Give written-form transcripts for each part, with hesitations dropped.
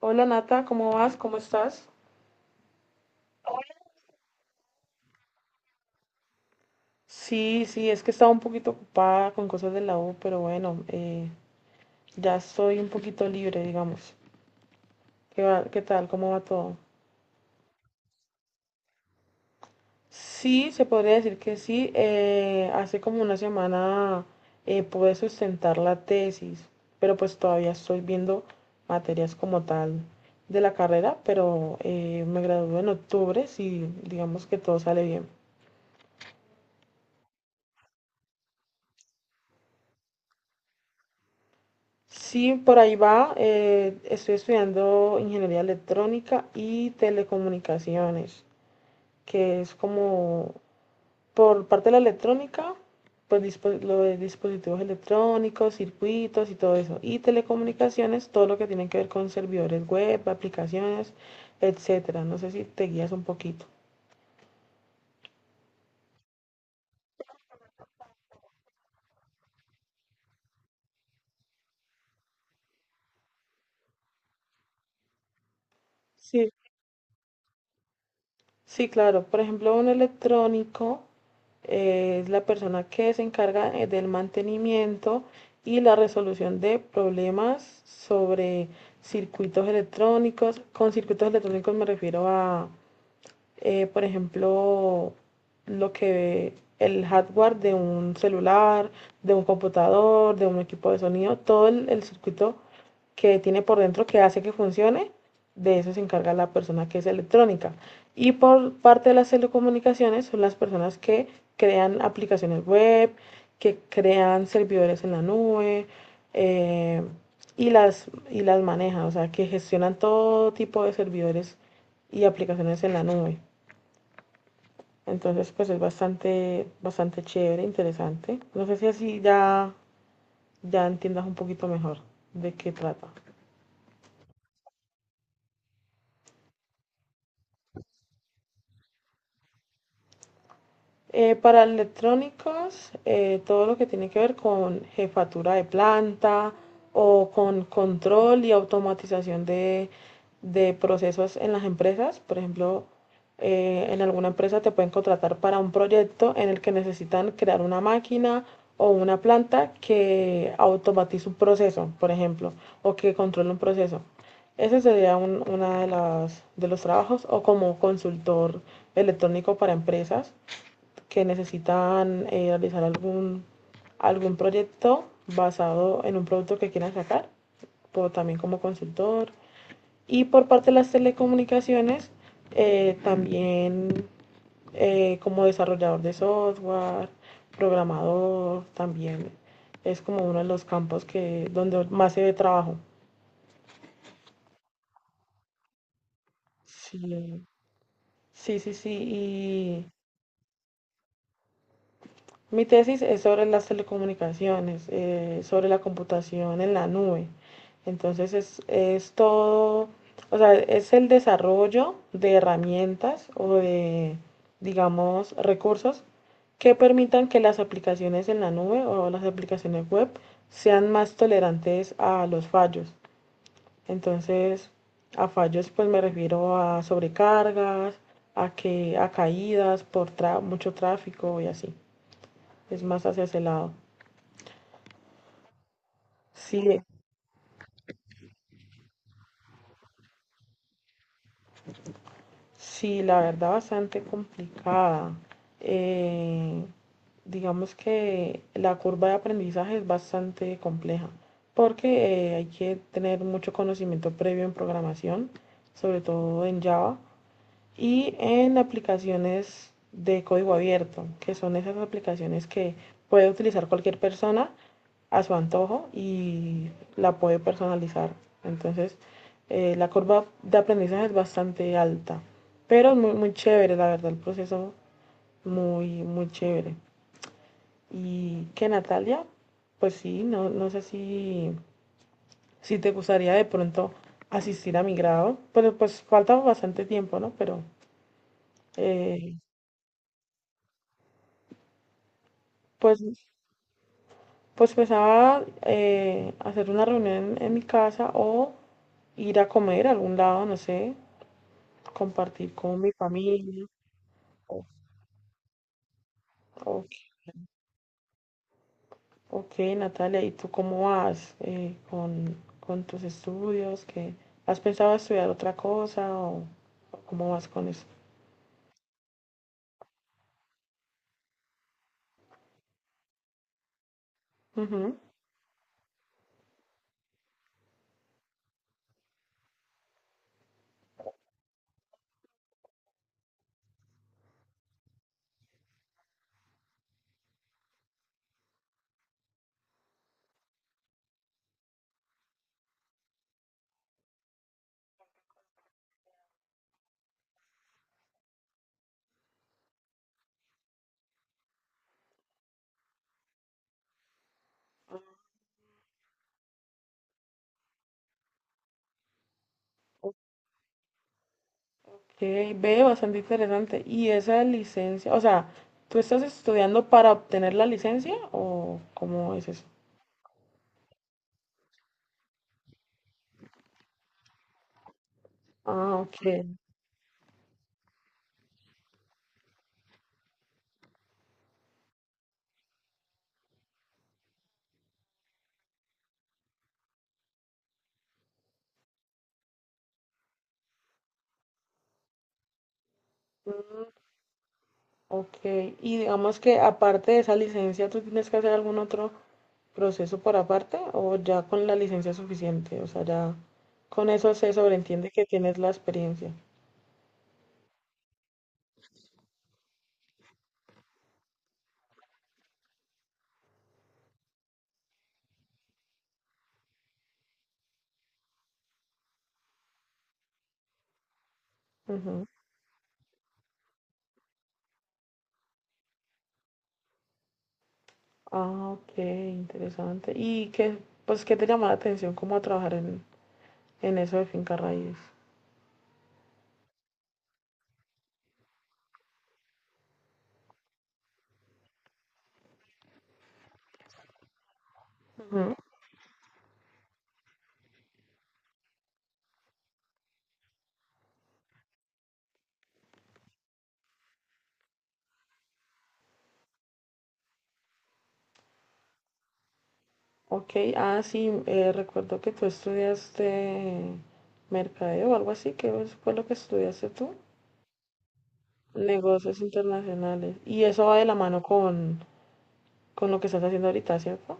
Hola Nata, ¿cómo vas? ¿Cómo estás? Sí, sí, es que estaba un poquito ocupada con cosas de la U, pero bueno, ya estoy un poquito libre, digamos. ¿ Qué tal? ¿Cómo va todo? Sí, se podría decir que sí. Hace como una semana pude sustentar la tesis, pero pues todavía estoy viendo materias como tal de la carrera, pero me gradúo en octubre, si digamos que todo sale bien. Sí, por ahí va. Estoy estudiando ingeniería electrónica y telecomunicaciones, que es como por parte de la electrónica, pues lo de dispositivos electrónicos, circuitos y todo eso. Y telecomunicaciones, todo lo que tiene que ver con servidores web, aplicaciones, etcétera. No sé si te guías un poquito. Sí, sí, claro. Por ejemplo, un electrónico es la persona que se encarga del mantenimiento y la resolución de problemas sobre circuitos electrónicos. Con circuitos electrónicos me refiero a por ejemplo, lo que el hardware de un celular, de un computador, de un equipo de sonido, todo el circuito que tiene por dentro que hace que funcione, de eso se encarga la persona que es electrónica. Y por parte de las telecomunicaciones son las personas que crean aplicaciones web, que crean servidores en la nube eh, y las manejan, o sea, que gestionan todo tipo de servidores y aplicaciones en la nube. Entonces, pues es bastante, bastante chévere, interesante. No sé si así ya entiendas un poquito mejor de qué trata. Para electrónicos, todo lo que tiene que ver con jefatura de planta o con control y automatización de procesos en las empresas. Por ejemplo, en alguna empresa te pueden contratar para un proyecto en el que necesitan crear una máquina o una planta que automatice un proceso, por ejemplo, o que controle un proceso. Ese sería uno de, de los trabajos o como consultor electrónico para empresas que necesitan realizar algún, algún proyecto basado en un producto que quieran sacar, pero también como consultor. Y por parte de las telecomunicaciones, también como desarrollador de software, programador, también es como uno de los campos que, donde más se ve trabajo. Sí, sí, sí, sí. Mi tesis es sobre las telecomunicaciones, sobre la computación en la nube. Entonces es todo, o sea, es el desarrollo de herramientas o de, digamos, recursos que permitan que las aplicaciones en la nube o las aplicaciones web sean más tolerantes a los fallos. Entonces, a fallos pues me refiero a sobrecargas, a que a caídas por mucho tráfico y así es más hacia ese lado. Sí, sí, la verdad bastante complicada. Eh, digamos que la curva de aprendizaje es bastante compleja porque hay que tener mucho conocimiento previo en programación, sobre todo en Java y en aplicaciones de código abierto, que son esas aplicaciones que puede utilizar cualquier persona a su antojo y la puede personalizar. Entonces, la curva de aprendizaje es bastante alta, pero es muy, muy chévere, la verdad, el proceso muy, muy chévere. Y que Natalia, pues sí, no, no sé si te gustaría de pronto asistir a mi grado, pero pues falta bastante tiempo, ¿no? Pero eh, pues, pues pensaba hacer una reunión en mi casa o ir a comer a algún lado, no sé, compartir con mi familia. O- o- ok, Natalia, ¿y tú cómo vas con tus estudios? ¿Qué, has pensado estudiar otra cosa o cómo vas con eso? Ujú. Ok, ve, bastante interesante. ¿Y esa licencia, o sea, tú estás estudiando para obtener la licencia o cómo es eso? Ah, ok. Mm, ok. Y digamos que aparte de esa licencia, ¿tú tienes que hacer algún otro proceso por aparte o ya con la licencia es suficiente? O sea, ya con eso se sobreentiende que tienes la experiencia. Ujú. Ah, ok, interesante. ¿Y qué, pues, qué te llamó la atención cómo trabajar en eso de finca raíz? Ujú. Ok, ah, sí, recuerdo que tú estudiaste mercadeo o algo así, fue lo que estudiaste tú? Negocios internacionales. Y eso va de la mano con lo que estás haciendo ahorita, ¿cierto?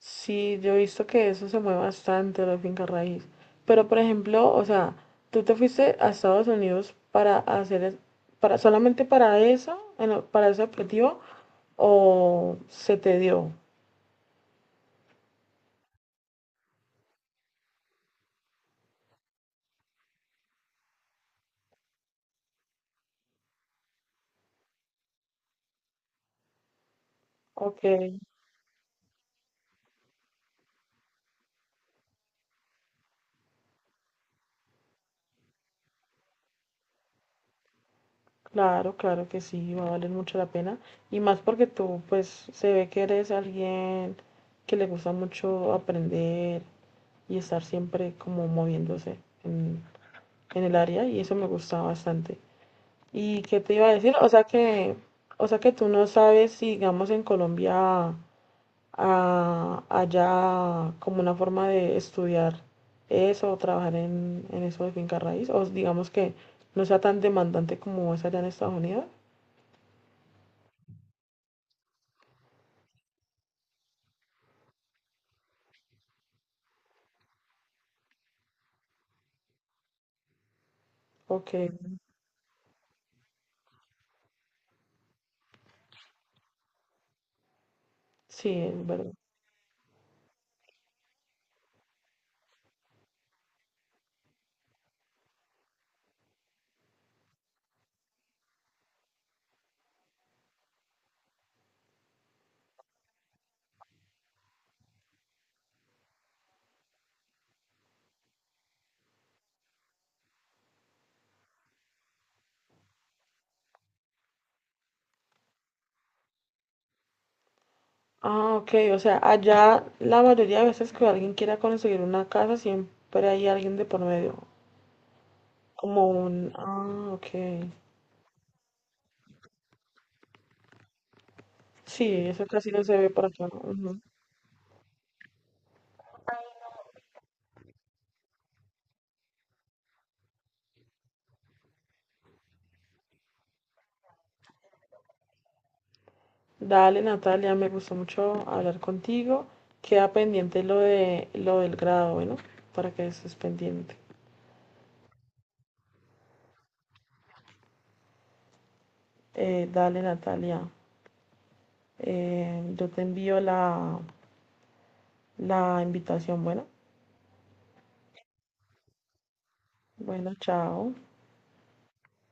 Sí, yo he visto que eso se mueve bastante, la finca raíz. Pero, por ejemplo, o sea, tú te fuiste a Estados Unidos para hacer, para, solamente para eso, en para ese objetivo, o se te dio. Ok, claro, claro que sí, va a valer mucho la pena. Y más porque tú, pues, se ve que eres alguien que le gusta mucho aprender y estar siempre como moviéndose en, en el área, y eso me gusta bastante. ¿Y qué te iba a decir? O sea que tú no sabes si, digamos, en Colombia haya como una forma de estudiar eso o trabajar en eso de finca raíz, o digamos que no sea tan demandante como es allá en Estados Unidos. Ok, sí, es verdad. Ah, ok, o sea, allá la mayoría de veces que alguien quiera conseguir una casa, siempre hay alguien de por medio, como un... Ah, ok. Sí, eso casi no se ve por acá. Ujú. Dale, Natalia, me gustó mucho hablar contigo. Queda pendiente lo de lo del grado, bueno, para que estés pendiente. Dale, Natalia, yo te envío la invitación, bueno. Bueno, chao.